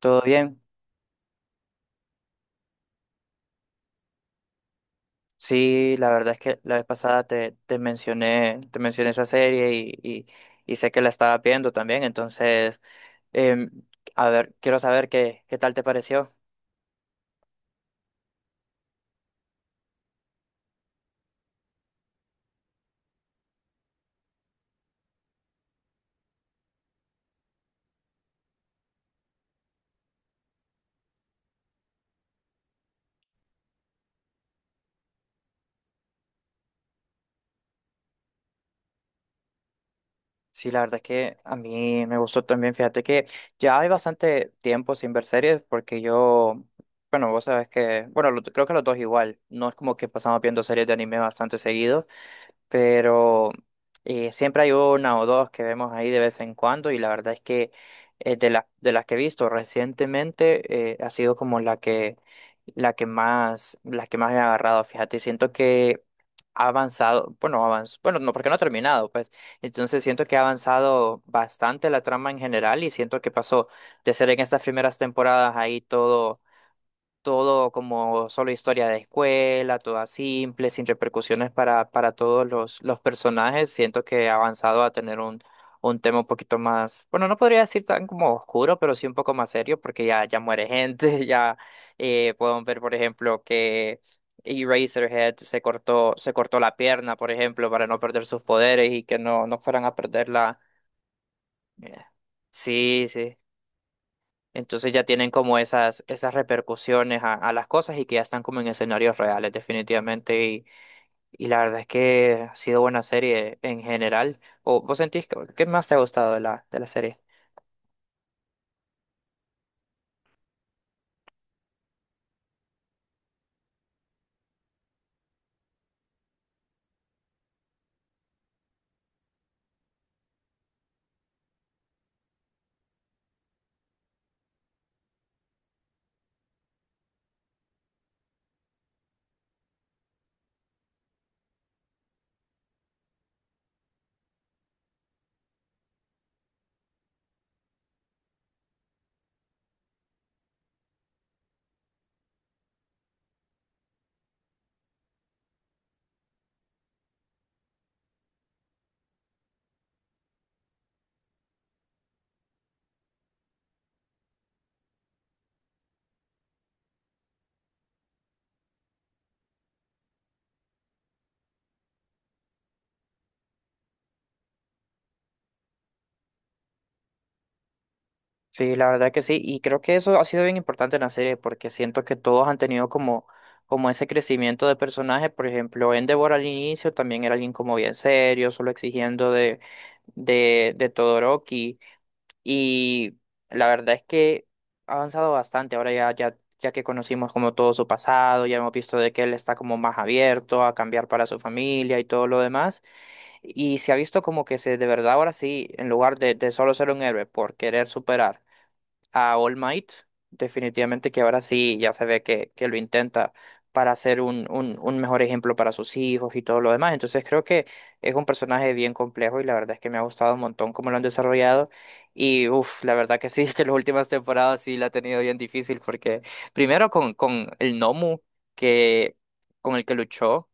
¿Todo bien? Sí, la verdad es que la vez pasada te mencioné, te mencioné esa serie y sé que la estaba viendo también, entonces, em, a ver, quiero saber qué tal te pareció. Sí, la verdad es que a mí me gustó también, fíjate que ya hay bastante tiempo sin ver series porque yo, bueno, vos sabes que, bueno, creo que los dos igual, no es como que pasamos viendo series de anime bastante seguido. Pero siempre hay una o dos que vemos ahí de vez en cuando y la verdad es que de las que he visto recientemente ha sido como la que la que más me ha agarrado, fíjate, siento que ha avanzado, bueno, bueno, no porque no ha terminado, pues. Entonces siento que ha avanzado bastante la trama en general y siento que pasó de ser en estas primeras temporadas ahí todo todo como solo historia de escuela, toda simple, sin repercusiones para todos los personajes. Siento que ha avanzado a tener un tema un poquito más, bueno, no podría decir tan como oscuro, pero sí un poco más serio, porque ya muere gente, ya podemos ver, por ejemplo, que Eraserhead se cortó la pierna, por ejemplo, para no perder sus poderes y que no fueran a perderla. Eh, Sí, sí. Entonces ya tienen como esas repercusiones a las cosas y que ya están como en escenarios reales definitivamente. Y la verdad es que ha sido buena serie en general. ¿O vos sentís que, qué más te ha gustado de de la serie? Sí, la verdad que sí. Y creo que eso ha sido bien importante en la serie porque siento que todos han tenido como ese crecimiento de personaje. Por ejemplo, Endeavor al inicio también era alguien como bien serio, solo exigiendo de Todoroki. Y la verdad es que ha avanzado bastante. Ahora ya que conocimos como todo su pasado, ya hemos visto de que él está como más abierto a cambiar para su familia y todo lo demás. Y se ha visto como que se, de verdad ahora sí, en lugar de solo ser un héroe por querer superar a All Might, definitivamente que ahora sí ya se ve que lo intenta para ser un mejor ejemplo para sus hijos y todo lo demás. Entonces creo que es un personaje bien complejo y la verdad es que me ha gustado un montón cómo lo han desarrollado. Y uff, la verdad que sí, que las últimas temporadas sí la ha tenido bien difícil porque primero con el Nomu que, con el que luchó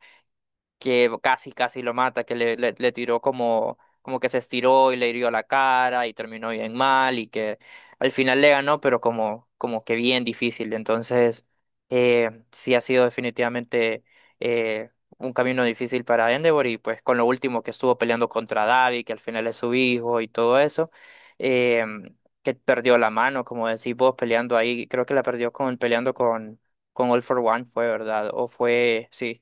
que casi lo mata, que le tiró como, como que se estiró y le hirió la cara y terminó bien mal y que al final le ganó, pero como, como que bien difícil. Entonces, sí ha sido definitivamente eh, un camino difícil para Endeavor y pues con lo último que estuvo peleando contra Davi, que al final es su hijo y todo eso, eh, que perdió la mano, como decís vos, peleando ahí, creo que la perdió con, peleando con... Con All for One fue, ¿verdad? O fue, sí,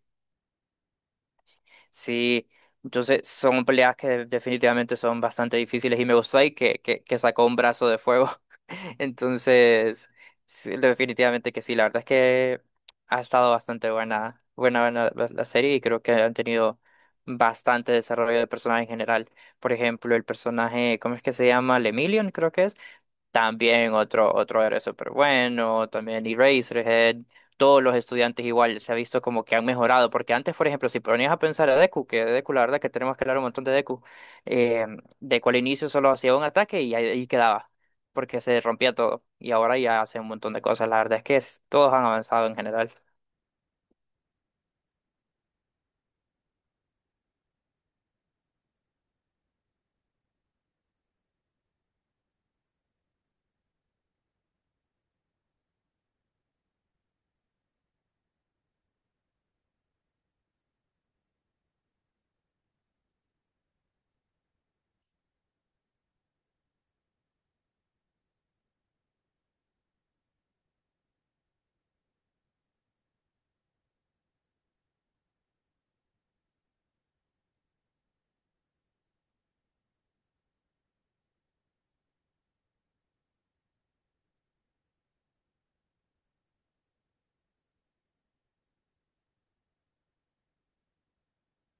sí, entonces son peleas que definitivamente son bastante difíciles y me gustó ahí que sacó un brazo de fuego. Entonces, sí, definitivamente que sí, la verdad es que ha estado bastante buena, buena, buena la serie y creo que han tenido bastante desarrollo de personaje en general. Por ejemplo, el personaje, ¿cómo es que se llama? Lemillion, creo que es. También otro, otro era súper bueno, también Eraserhead, todos los estudiantes igual se ha visto como que han mejorado, porque antes, por ejemplo, si ponías a pensar a Deku, que Deku, la verdad que tenemos que hablar un montón de Deku, eh, Deku al inicio solo hacía un ataque y ahí, ahí quedaba, porque se rompía todo, y ahora ya hace un montón de cosas, la verdad es que todos han avanzado en general.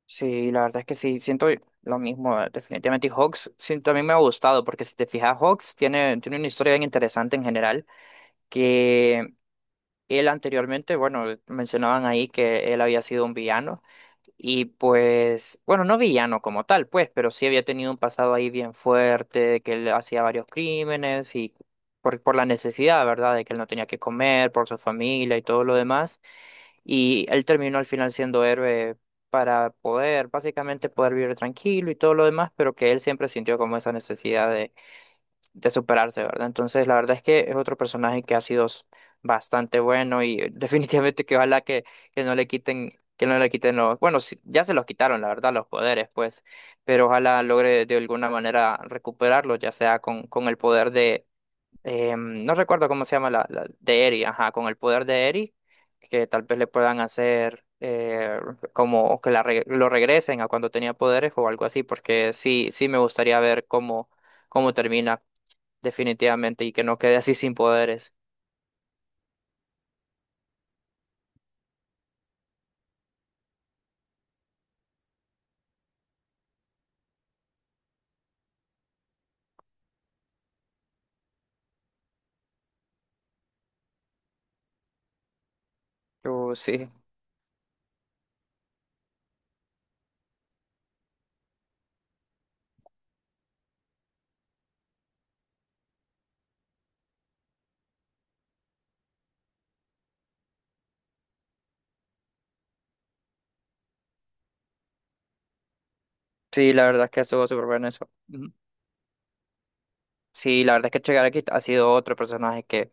Sí, la verdad es que sí, siento lo mismo, definitivamente. Y Hawks sí, también me ha gustado, porque si te fijas, Hawks tiene una historia bien interesante en general, que él anteriormente, bueno, mencionaban ahí que él había sido un villano y pues, bueno, no villano como tal, pues, pero sí había tenido un pasado ahí bien fuerte, de que él hacía varios crímenes y por la necesidad, ¿verdad? De que él no tenía que comer, por su familia y todo lo demás. Y él terminó al final siendo héroe para poder, básicamente, poder vivir tranquilo y todo lo demás, pero que él siempre sintió como esa necesidad de superarse, ¿verdad? Entonces, la verdad es que es otro personaje que ha sido bastante bueno y definitivamente que ojalá que no le quiten, que no le quiten los, bueno, sí, ya se los quitaron, la verdad, los poderes, pues, pero ojalá logre de alguna manera recuperarlos, ya sea con el poder de, no recuerdo cómo se llama de Eri, ajá, con el poder de Eri, que tal vez le puedan hacer... como que lo regresen a cuando tenía poderes o algo así, porque sí, sí me gustaría ver cómo, cómo termina definitivamente, y que no quede así sin poderes. Sí, sí, la verdad es que estuvo súper bueno eso. Ujú. Sí, la verdad es que Chegaraki ha sido otro personaje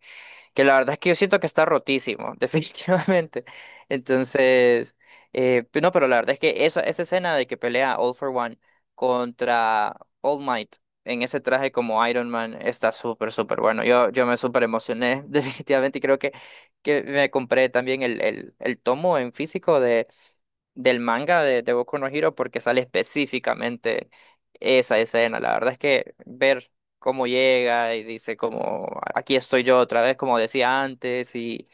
que la verdad es que yo siento que está rotísimo, definitivamente. Entonces, no, pero la verdad es que eso, esa escena de que pelea All for One contra All Might en ese traje como Iron Man está súper, súper bueno. Yo me súper emocioné, definitivamente, y creo que me compré también el tomo en físico del manga de Boku no Hero porque sale específicamente esa escena. La verdad es que ver cómo llega y dice como aquí estoy yo otra vez, como decía antes, y,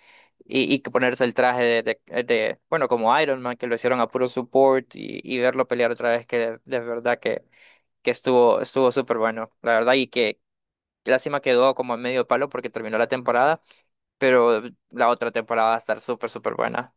y, y que ponerse el traje de, bueno, como Iron Man, que lo hicieron a puro support y verlo pelear otra vez, que de verdad que estuvo estuvo súper bueno, la verdad, y que lástima quedó como en medio palo porque terminó la temporada, pero la otra temporada va a estar súper, súper buena.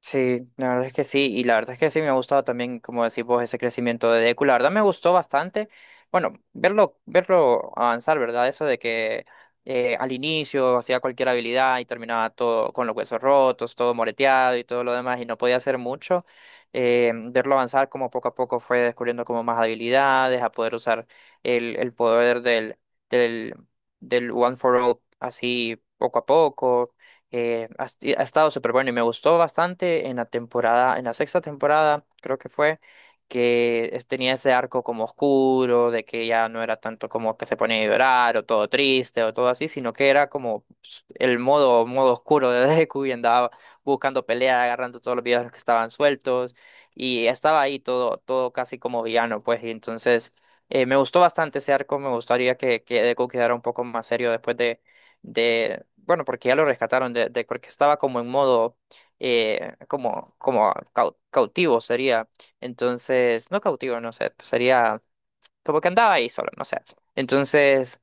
Sí, la verdad es que sí, y la verdad es que sí me ha gustado también, como decís vos, ese crecimiento de Deku. La verdad me gustó bastante, bueno, verlo avanzar, ¿verdad? Eso de que al inicio hacía cualquier habilidad y terminaba todo con los huesos rotos, todo moreteado y todo lo demás, y no podía hacer mucho. Verlo avanzar como poco a poco fue descubriendo como más habilidades, a poder usar el poder del, del One for All así poco a poco ha estado súper bueno y me gustó bastante en la temporada, en la sexta temporada, creo que fue, que tenía ese arco como oscuro, de que ya no era tanto como que se ponía a llorar o todo triste o todo así, sino que era como pues, el modo, modo oscuro de Deku y andaba buscando pelea, agarrando todos los villanos que estaban sueltos y estaba ahí todo, todo casi como villano, pues, y entonces me gustó bastante ese arco, me gustaría que Deku quedara un poco más serio después de bueno, porque ya lo rescataron, porque estaba como en modo, como, como cautivo sería. Entonces, no cautivo, no sé, pues sería como que andaba ahí solo, no sé. Entonces,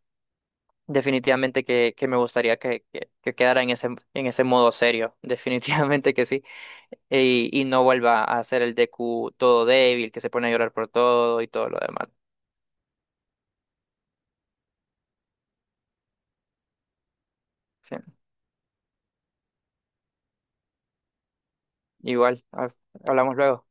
definitivamente que me gustaría que quedara en ese modo serio, definitivamente que sí. Y no vuelva a ser el DQ todo débil, que se pone a llorar por todo y todo lo demás. Sí. Igual, hablamos luego.